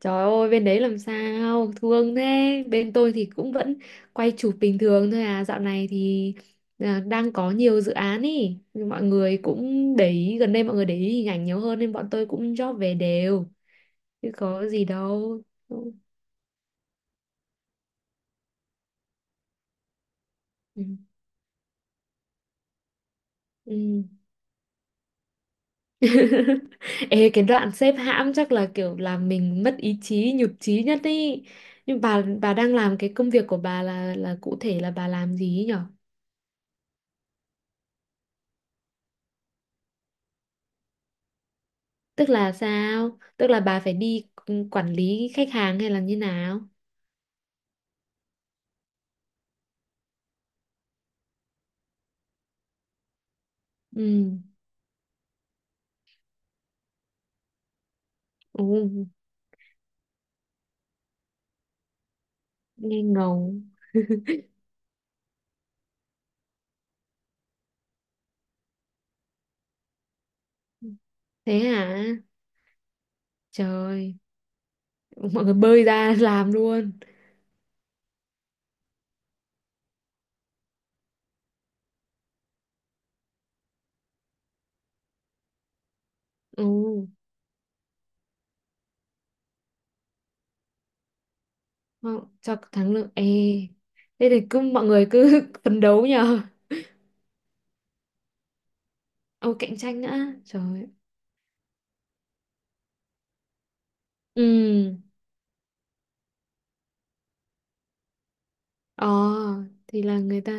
Trời ơi, bên đấy làm sao thương thế. Bên tôi thì cũng vẫn quay chụp bình thường thôi à, dạo này thì đang có nhiều dự án ý. Nhưng mọi người cũng để ý, gần đây mọi người để ý hình ảnh nhiều hơn nên bọn tôi cũng job về đều, chứ có gì đâu. Ừ. Ừ. Ê, cái đoạn xếp hãm chắc là kiểu làm mình mất ý chí, nhụt chí nhất ý, nhưng bà đang làm cái công việc của bà là cụ thể là bà làm gì nhỉ? Tức là sao? Tức là bà phải đi, quản lý khách hàng hay là như nào? Ừ. Ồ, nghe ngầu. Thế hả? Trời, mọi người bơi ra làm luôn. Ồ, cho thắng lượng. Ê, thế thì cứ mọi người cứ phấn đấu nhờ. Ồ, cạnh tranh nữa. Trời. Ừ. Ờ, thì là người ta,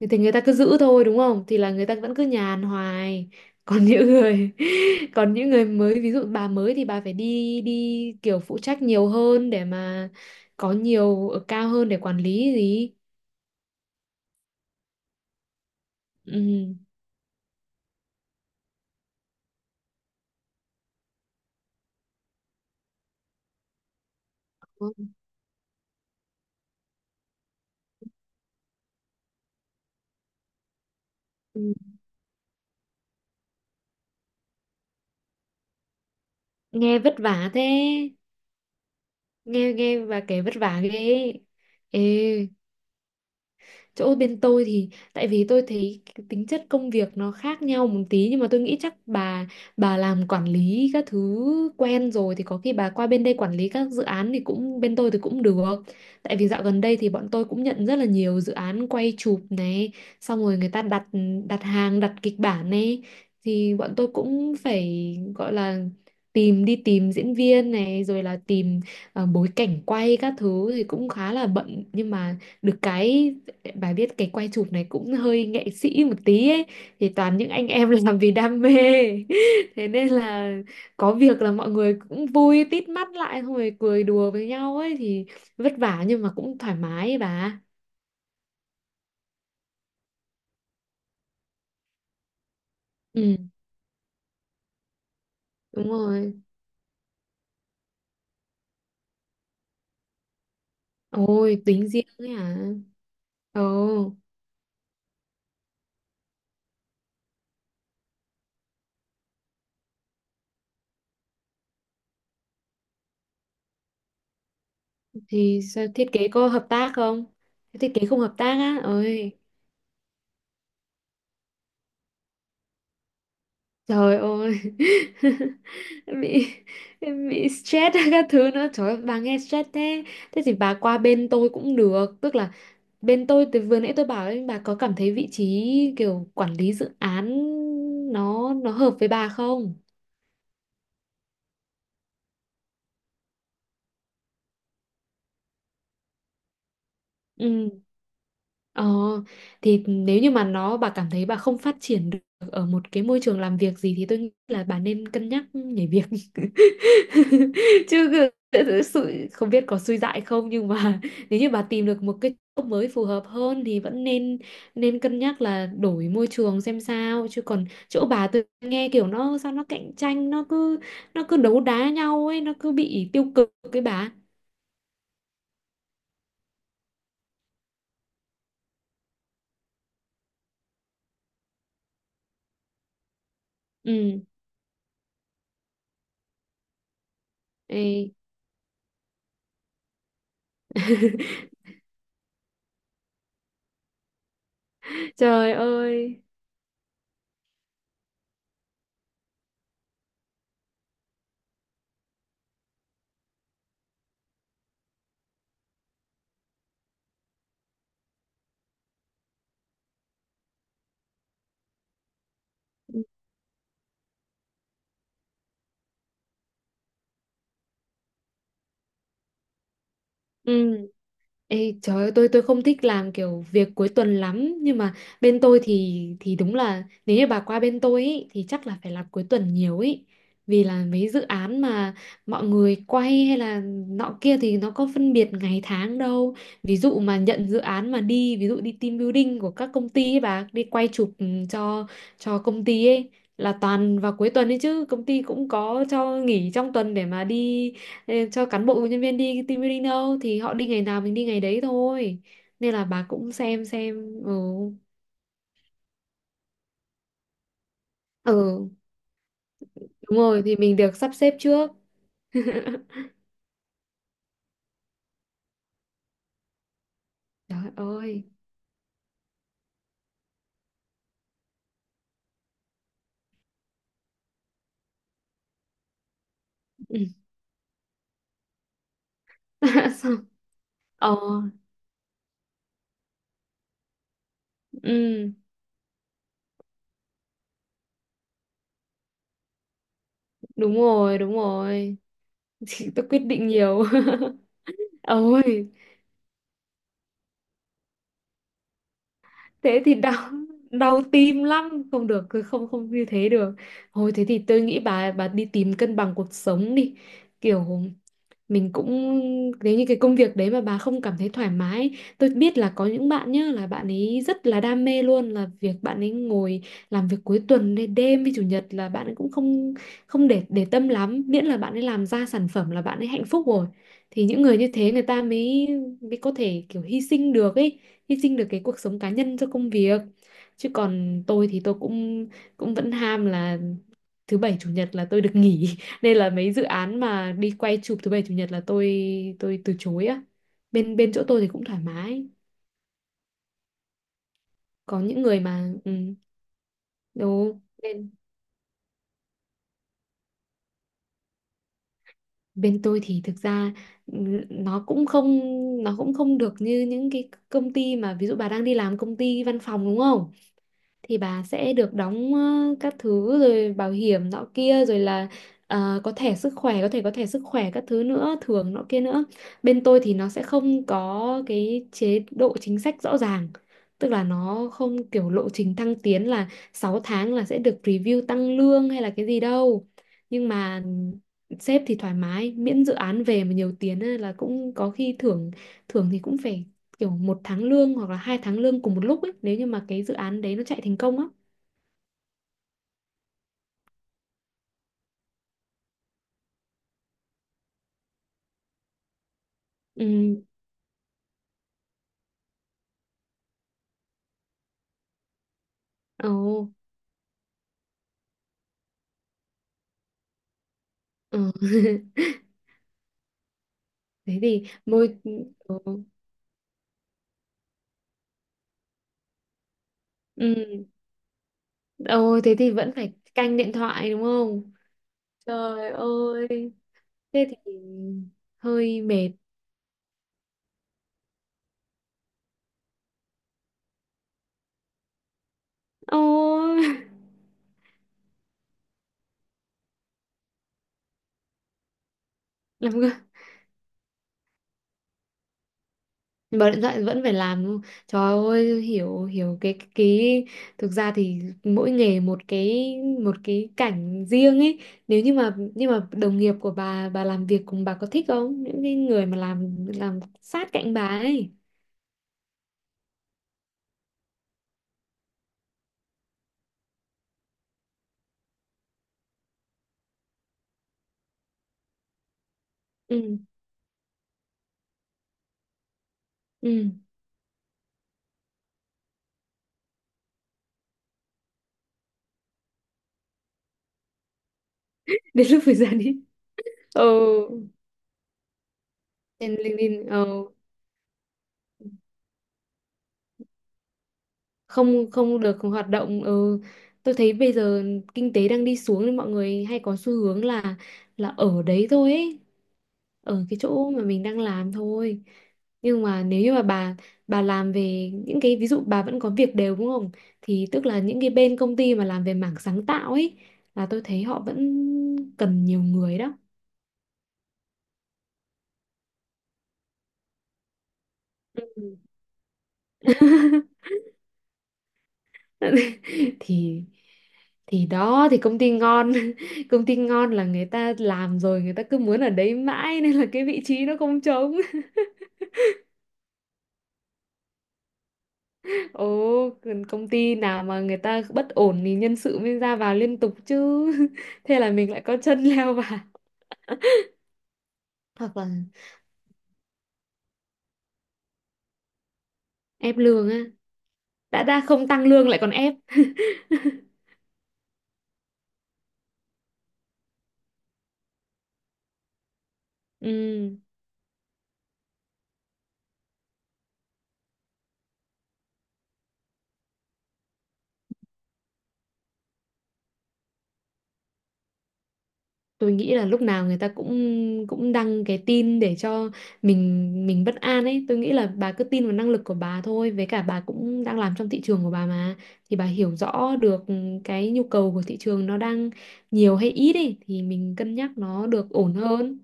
thì người ta cứ giữ thôi đúng không, thì là người ta vẫn cứ nhàn hoài. Còn những người còn những người mới, ví dụ bà mới thì bà phải đi đi kiểu phụ trách nhiều hơn để mà có nhiều ở cao hơn để quản lý gì. Ừ. Ừ. Nghe vất vả thế, nghe nghe bà kể vất vả ghê. Ê, chỗ bên tôi thì tại vì tôi thấy cái tính chất công việc nó khác nhau một tí, nhưng mà tôi nghĩ chắc bà làm quản lý các thứ quen rồi thì có khi bà qua bên đây quản lý các dự án thì cũng, bên tôi thì cũng được. Tại vì dạo gần đây thì bọn tôi cũng nhận rất là nhiều dự án quay chụp này, xong rồi người ta đặt đặt hàng, đặt kịch bản này, thì bọn tôi cũng phải gọi là tìm, đi tìm diễn viên này, rồi là tìm, bối cảnh quay các thứ, thì cũng khá là bận. Nhưng mà được cái, bà biết cái quay chụp này cũng hơi nghệ sĩ một tí ấy, thì toàn những anh em làm vì đam mê. Thế nên là có việc là mọi người cũng vui tít mắt lại, xong rồi cười đùa với nhau ấy. Thì vất vả nhưng mà cũng thoải mái ấy bà. Ừ, đúng rồi. Ôi, tính riêng ấy hả? Ồ, thì sao, thiết kế có hợp tác không? Thiết kế không hợp tác á? Ôi. Trời ơi. bị bị stress các thứ nữa, trời ơi, bà nghe stress thế. Thế thì bà qua bên tôi cũng được, tức là bên tôi, từ vừa nãy tôi bảo ấy, bà có cảm thấy vị trí kiểu quản lý dự án nó hợp với bà không? Ừ. Ờ, thì nếu như mà nó, bà cảm thấy bà không phát triển được ở một cái môi trường làm việc gì thì tôi nghĩ là bà nên cân nhắc nhảy việc. chứ cứ- sự không biết có suy dại không nhưng mà nếu như bà tìm được một cái chỗ mới phù hợp hơn thì vẫn nên, nên cân nhắc là đổi môi trường xem sao. Chứ còn chỗ bà, tôi nghe kiểu nó sao, nó cạnh tranh, nó cứ đấu đá nhau ấy, nó cứ bị tiêu cực cái bà. Ừ. Ê. Trời ơi. Ừ. Ê, trời ơi, tôi không thích làm kiểu việc cuối tuần lắm, nhưng mà bên tôi thì đúng là nếu như bà qua bên tôi ý thì chắc là phải làm cuối tuần nhiều ý, vì là mấy dự án mà mọi người quay hay là nọ kia thì nó có phân biệt ngày tháng đâu. Ví dụ mà nhận dự án mà đi, ví dụ đi team building của các công ty ấy, bà đi quay chụp, cho công ty ấy, là toàn vào cuối tuần ấy. Chứ công ty cũng có cho nghỉ trong tuần để mà đi, ê, cho cán bộ nhân viên đi team building đâu, thì họ đi ngày nào mình đi ngày đấy thôi. Nên là bà cũng xem xem. Ừ. Ừ, đúng rồi, thì mình được sắp xếp trước. Trời ơi. Ừ. Xong- ờ ừ, đúng rồi, đúng rồi. Thì tôi quyết định nhiều. Ôi, thế thì đau đau tim lắm, không được, cứ không không như thế được. Thôi, thế thì tôi nghĩ bà đi tìm cân bằng cuộc sống đi. Kiểu mình cũng, nếu như cái công việc đấy mà bà không cảm thấy thoải mái, tôi biết là có những bạn nhá, là bạn ấy rất là đam mê luôn, là việc bạn ấy ngồi làm việc cuối tuần đến đêm với chủ nhật là bạn ấy cũng không không để tâm lắm, miễn là bạn ấy làm ra sản phẩm là bạn ấy hạnh phúc rồi. Thì những người như thế người ta mới mới có thể kiểu hy sinh được ấy, hy sinh được cái cuộc sống cá nhân cho công việc. Chứ còn tôi thì tôi cũng cũng vẫn ham là thứ bảy chủ nhật là tôi được nghỉ. Nên là mấy dự án mà đi quay chụp thứ bảy chủ nhật là tôi từ chối á. Bên bên chỗ tôi thì cũng thoải mái, có những người mà đúng. Bên tôi thì thực ra n- nó cũng không nó cũng không được như những cái công ty mà ví dụ bà đang đi làm công ty văn phòng đúng không? Thì bà sẽ được đóng, các thứ, rồi bảo hiểm nọ kia, rồi là, có thẻ sức khỏe, có thẻ sức khỏe các thứ nữa, thưởng nọ kia nữa. Bên tôi thì nó sẽ không có cái chế độ chính sách rõ ràng, tức là nó không kiểu lộ trình thăng tiến là 6 tháng là sẽ được review tăng lương hay là cái gì đâu. Nhưng mà sếp thì thoải mái, miễn dự án về mà nhiều tiền ấy là cũng có khi thưởng. Thưởng thì cũng phải kiểu 1 tháng lương hoặc là 2 tháng lương cùng một lúc ấy, nếu như mà cái dự án đấy nó chạy thành công á. Ừ. Ồ. Ừ. Thế thì môi. Ừ. Ừ. Ồ, thế thì vẫn phải canh điện thoại đúng không? Trời ơi, thế thì hơi mệt. Ôi. Làm. Bật điện thoại vẫn phải làm đúng. Trời ơi, hiểu hiểu cái thực ra thì mỗi nghề một cái, một cái cảnh riêng ấy. Nếu như mà nhưng mà đồng nghiệp của bà làm việc cùng bà có thích không, những cái người mà làm sát cạnh bà ấy? Ừ. Ừ. Đến lúc phải ra đi. Ừ, trên LinkedIn, không không được hoạt động. Ừ, tôi thấy bây giờ kinh tế đang đi xuống nên mọi người hay có xu hướng là, ở đấy thôi ấy, ở cái chỗ mà mình đang làm thôi. Nhưng mà nếu như mà bà làm về những cái, ví dụ bà vẫn có việc đều đúng không, thì tức là những cái bên công ty mà làm về mảng sáng tạo ấy là tôi thấy họ vẫn cần nhiều người đó. Ừ. thì thì đó, thì công ty ngon, công ty ngon là người ta làm rồi người ta cứ muốn ở đấy mãi nên là cái vị trí nó không trống. Ồ, còn công ty nào mà người ta bất ổn thì nhân sự mới ra vào liên tục chứ. Thế là mình lại có chân leo vào. Hoặc là ép lương á. Đã không tăng lương lại còn ép. Ừ, tôi nghĩ là lúc nào người ta cũng, đăng cái tin để cho mình bất an ấy. Tôi nghĩ là bà cứ tin vào năng lực của bà thôi. Với cả bà cũng đang làm trong thị trường của bà mà, thì bà hiểu rõ được cái nhu cầu của thị trường nó đang nhiều hay ít ấy, thì mình cân nhắc nó được ổn hơn.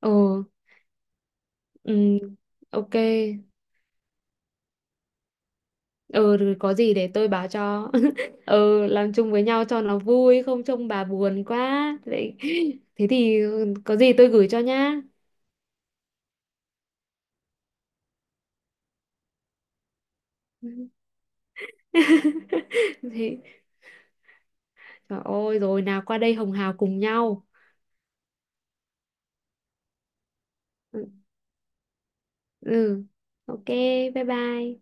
Ờ. Ừ, ok. Ừ, rồi có gì để tôi báo cho. Ừ, làm chung với nhau cho nó vui, không trông bà buồn quá. Thế, thế thì có gì tôi gửi cho nhá. Thế, trời ơi, rồi nào qua đây hồng hào cùng nhau. Ừ, ừ, ok, bye bye.